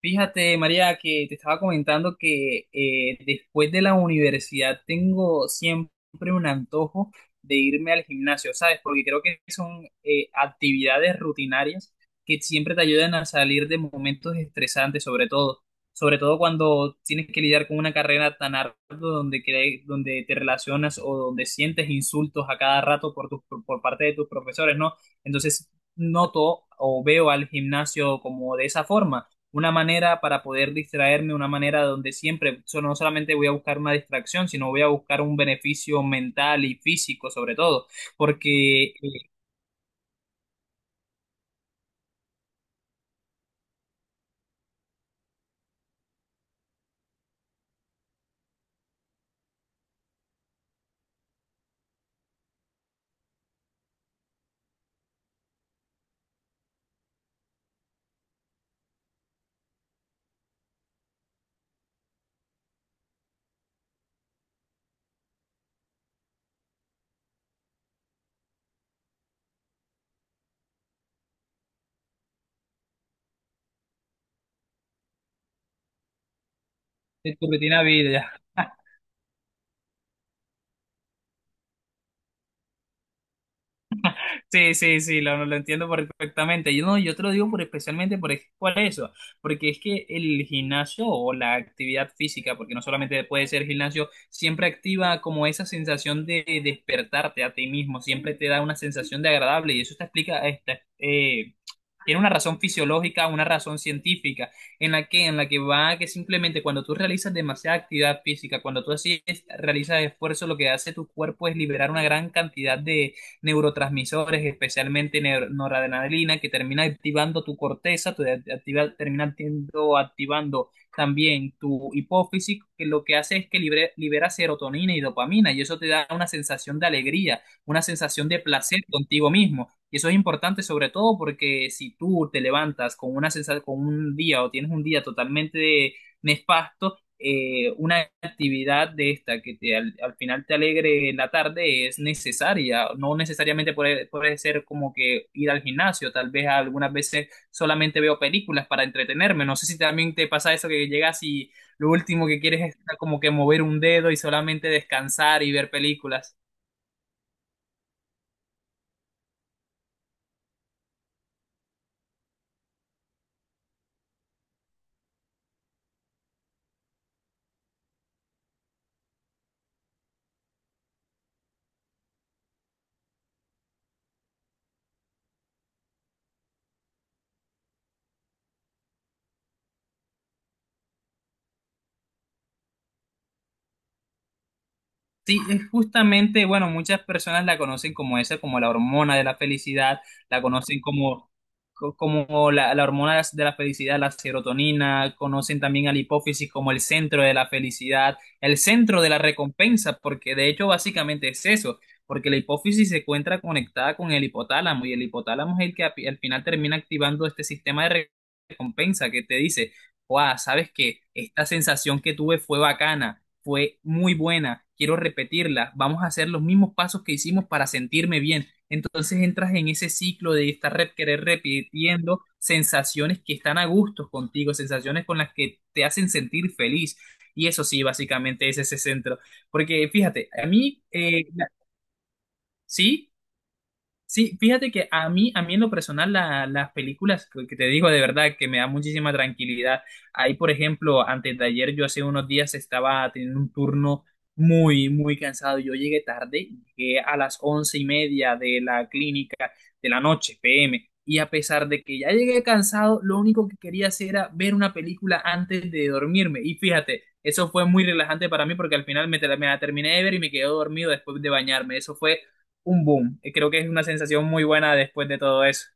Fíjate, María, que te estaba comentando que después de la universidad tengo siempre un antojo de irme al gimnasio, ¿sabes? Porque creo que son actividades rutinarias que siempre te ayudan a salir de momentos estresantes, sobre todo cuando tienes que lidiar con una carrera tan ardua donde, donde te relacionas o donde sientes insultos a cada rato por, por parte de tus profesores, ¿no? Entonces noto o veo al gimnasio como de esa forma, una manera para poder distraerme, una manera donde siempre, no solamente voy a buscar una distracción, sino voy a buscar un beneficio mental y físico sobre todo, porque es tu rutina de vida. Sí, sí, sí, lo entiendo perfectamente. Yo, no, yo te lo digo por, especialmente por, por eso, porque es que el gimnasio o la actividad física, porque no solamente puede ser gimnasio, siempre activa como esa sensación de despertarte a ti mismo, siempre te da una sensación de agradable y eso te explica, esta tiene una razón fisiológica, una razón científica, en la que va que simplemente cuando tú realizas demasiada actividad física, cuando tú así realizas esfuerzo, lo que hace tu cuerpo es liberar una gran cantidad de neurotransmisores, especialmente noradrenalina, que termina activando tu corteza, tu de- activa- termina actiendo- activando también tu hipófisis, que lo que hace es que libera serotonina y dopamina, y eso te da una sensación de alegría, una sensación de placer contigo mismo. Y eso es importante sobre todo porque si tú te levantas con una con un día o tienes un día totalmente nefasto, una actividad de esta que te, al, al final te alegre la tarde es necesaria. No necesariamente puede ser como que ir al gimnasio, tal vez algunas veces solamente veo películas para entretenerme. No sé si también te pasa eso que llegas y lo último que quieres es como que mover un dedo y solamente descansar y ver películas. Sí, es justamente, bueno, muchas personas la conocen como esa, como la hormona de la felicidad, la conocen como, como la hormona de la felicidad, la serotonina, conocen también a la hipófisis como el centro de la felicidad, el centro de la recompensa, porque de hecho básicamente es eso, porque la hipófisis se encuentra conectada con el hipotálamo y el hipotálamo es el que al final termina activando este sistema de recompensa que te dice, wow, sabes que esta sensación que tuve fue bacana, fue muy buena, quiero repetirla, vamos a hacer los mismos pasos que hicimos para sentirme bien. Entonces entras en ese ciclo de estar rep querer repitiendo sensaciones que están a gusto contigo, sensaciones con las que te hacen sentir feliz. Y eso sí, básicamente es ese centro. Porque fíjate, a mí, sí. Sí, fíjate que a mí en lo personal, las películas que te digo de verdad que me da muchísima tranquilidad. Ahí, por ejemplo, antes de ayer, yo hace unos días estaba teniendo un turno muy, muy cansado. Yo llegué tarde, llegué a las 11:30 de la clínica de la noche, PM. Y a pesar de que ya llegué cansado, lo único que quería hacer era ver una película antes de dormirme. Y fíjate, eso fue muy relajante para mí porque al final me la terminé de ver y me quedé dormido después de bañarme. Eso fue un boom. Y creo que es una sensación muy buena después de todo eso.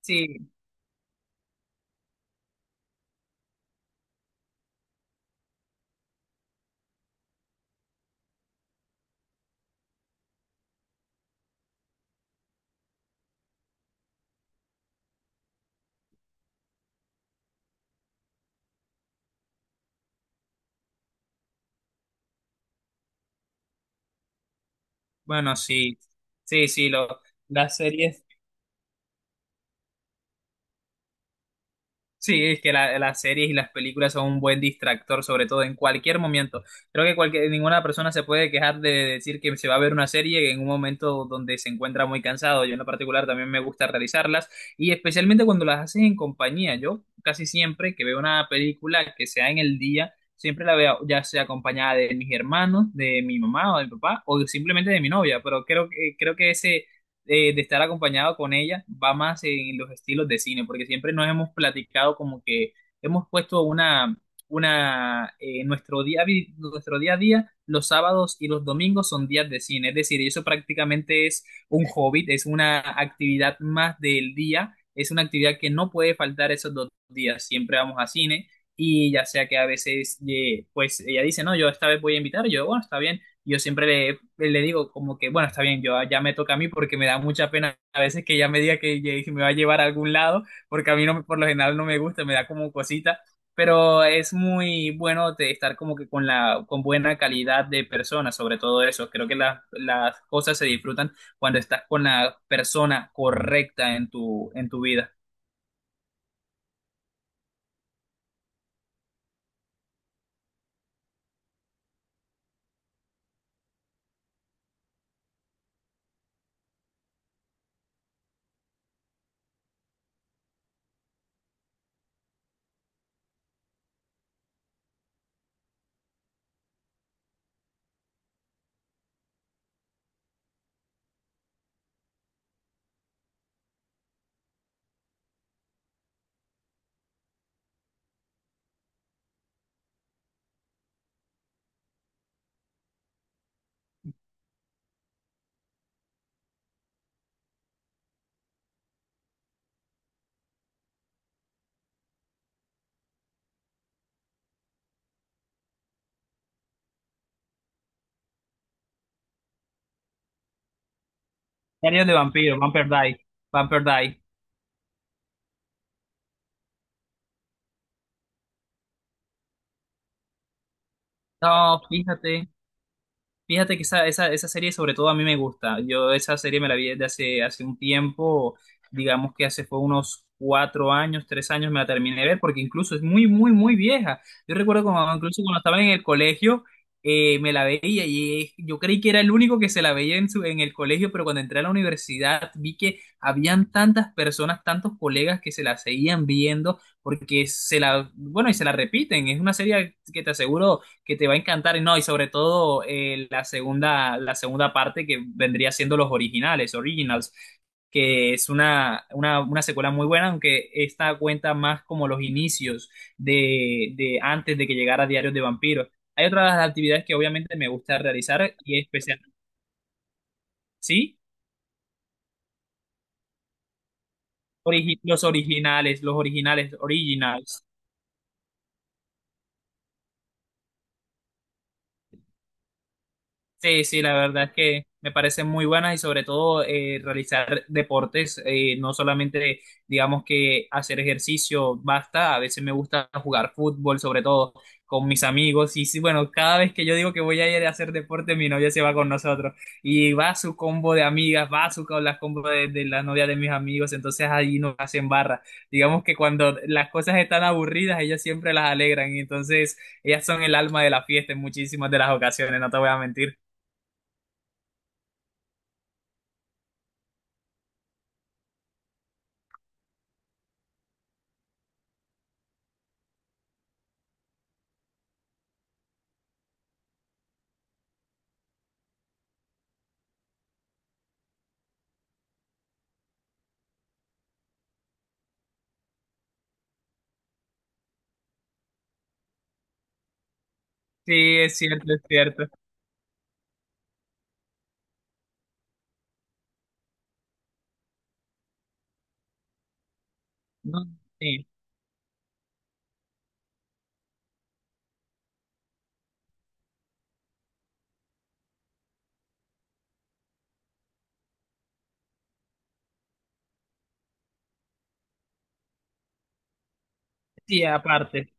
Sí, bueno, sí, sí, sí, las series. Sí, es que las series y las películas son un buen distractor, sobre todo en cualquier momento. Creo que cualquier, ninguna persona se puede quejar de decir que se va a ver una serie en un momento donde se encuentra muy cansado. Yo en lo particular también me gusta realizarlas y especialmente cuando las haces en compañía. Yo casi siempre que veo una película que sea en el día, siempre la veo ya sea acompañada de mis hermanos, de mi mamá o de mi papá o simplemente de mi novia, pero creo que ese de estar acompañado con ella va más en los estilos de cine, porque siempre nos hemos platicado como que hemos puesto nuestro día, nuestro día a día, los sábados y los domingos son días de cine, es decir, eso prácticamente es un hobby, es una actividad más del día, es una actividad que no puede faltar esos dos días, siempre vamos a cine. Y ya sea que a veces, pues ella dice, no, yo esta vez voy a invitar, yo, bueno, está bien, yo siempre le digo como que, bueno, está bien, yo ya me toca a mí porque me da mucha pena a veces que ella me diga que, que me va a llevar a algún lado, porque a mí no, por lo general no me gusta, me da como cosita, pero es muy bueno de estar como que con con buena calidad de persona, sobre todo eso. Creo que las cosas se disfrutan cuando estás con la persona correcta en en tu vida. Diarios de vampiro, Vampire Die, Vampire Die. No, fíjate. Fíjate que esa serie sobre todo a mí me gusta. Yo esa serie me la vi desde hace un tiempo, digamos que hace fue unos 4 años, 3 años me la terminé de ver, porque incluso es muy, muy, muy vieja. Yo recuerdo como incluso cuando estaba en el colegio, me la veía y yo creí que era el único que se la veía en, su, en el colegio, pero cuando entré a la universidad vi que habían tantas personas, tantos colegas que se la seguían viendo, porque se la, bueno, y se la repiten. Es una serie que te aseguro que te va a encantar, y no, y sobre todo la segunda parte que vendría siendo los originales, Originals, que es una una secuela muy buena, aunque esta cuenta más como los inicios de antes de que llegara Diarios de Vampiros. Hay otras actividades que obviamente me gusta realizar y especial, ¿sí? Los originales, originals. Sí, sí, la verdad es que me parecen muy buenas y sobre todo realizar deportes, no solamente digamos que hacer ejercicio basta, a veces me gusta jugar fútbol, sobre todo con mis amigos y sí, bueno, cada vez que yo digo que voy a ir a hacer deporte, mi novia se va con nosotros y va su combo de amigas, va su con las combo de las novias de mis amigos, entonces ahí nos hacen barra. Digamos que cuando las cosas están aburridas, ellas siempre las alegran y entonces ellas son el alma de la fiesta en muchísimas de las ocasiones, no te voy a mentir. Sí, es cierto, es cierto. No, sí, sí, aparte.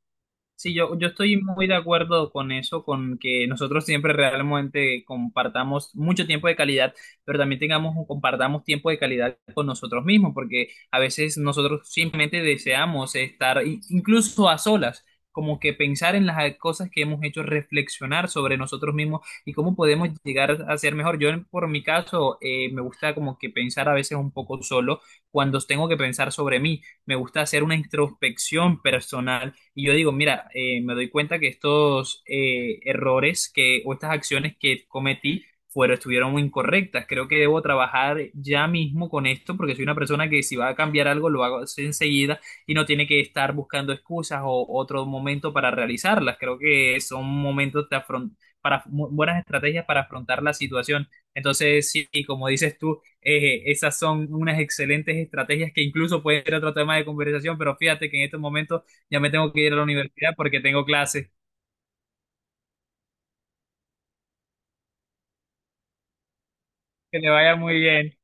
Sí, yo estoy muy de acuerdo con eso, con que nosotros siempre realmente compartamos mucho tiempo de calidad, pero también tengamos, compartamos tiempo de calidad con nosotros mismos, porque a veces nosotros simplemente deseamos estar incluso a solas, como que pensar en las cosas que hemos hecho, reflexionar sobre nosotros mismos y cómo podemos llegar a ser mejor. Yo, por mi caso, me gusta como que pensar a veces un poco solo cuando tengo que pensar sobre mí, me gusta hacer una introspección personal y yo digo, mira, me doy cuenta que estos errores que, o estas acciones que cometí fueron, estuvieron muy incorrectas. Creo que debo trabajar ya mismo con esto porque soy una persona que si va a cambiar algo lo hago enseguida y no tiene que estar buscando excusas o otro momento para realizarlas. Creo que son momentos de buenas estrategias para afrontar la situación. Entonces, sí, como dices tú, esas son unas excelentes estrategias que incluso puede ser otro tema de conversación, pero fíjate que en estos momentos ya me tengo que ir a la universidad porque tengo clases. Que le vaya muy bien.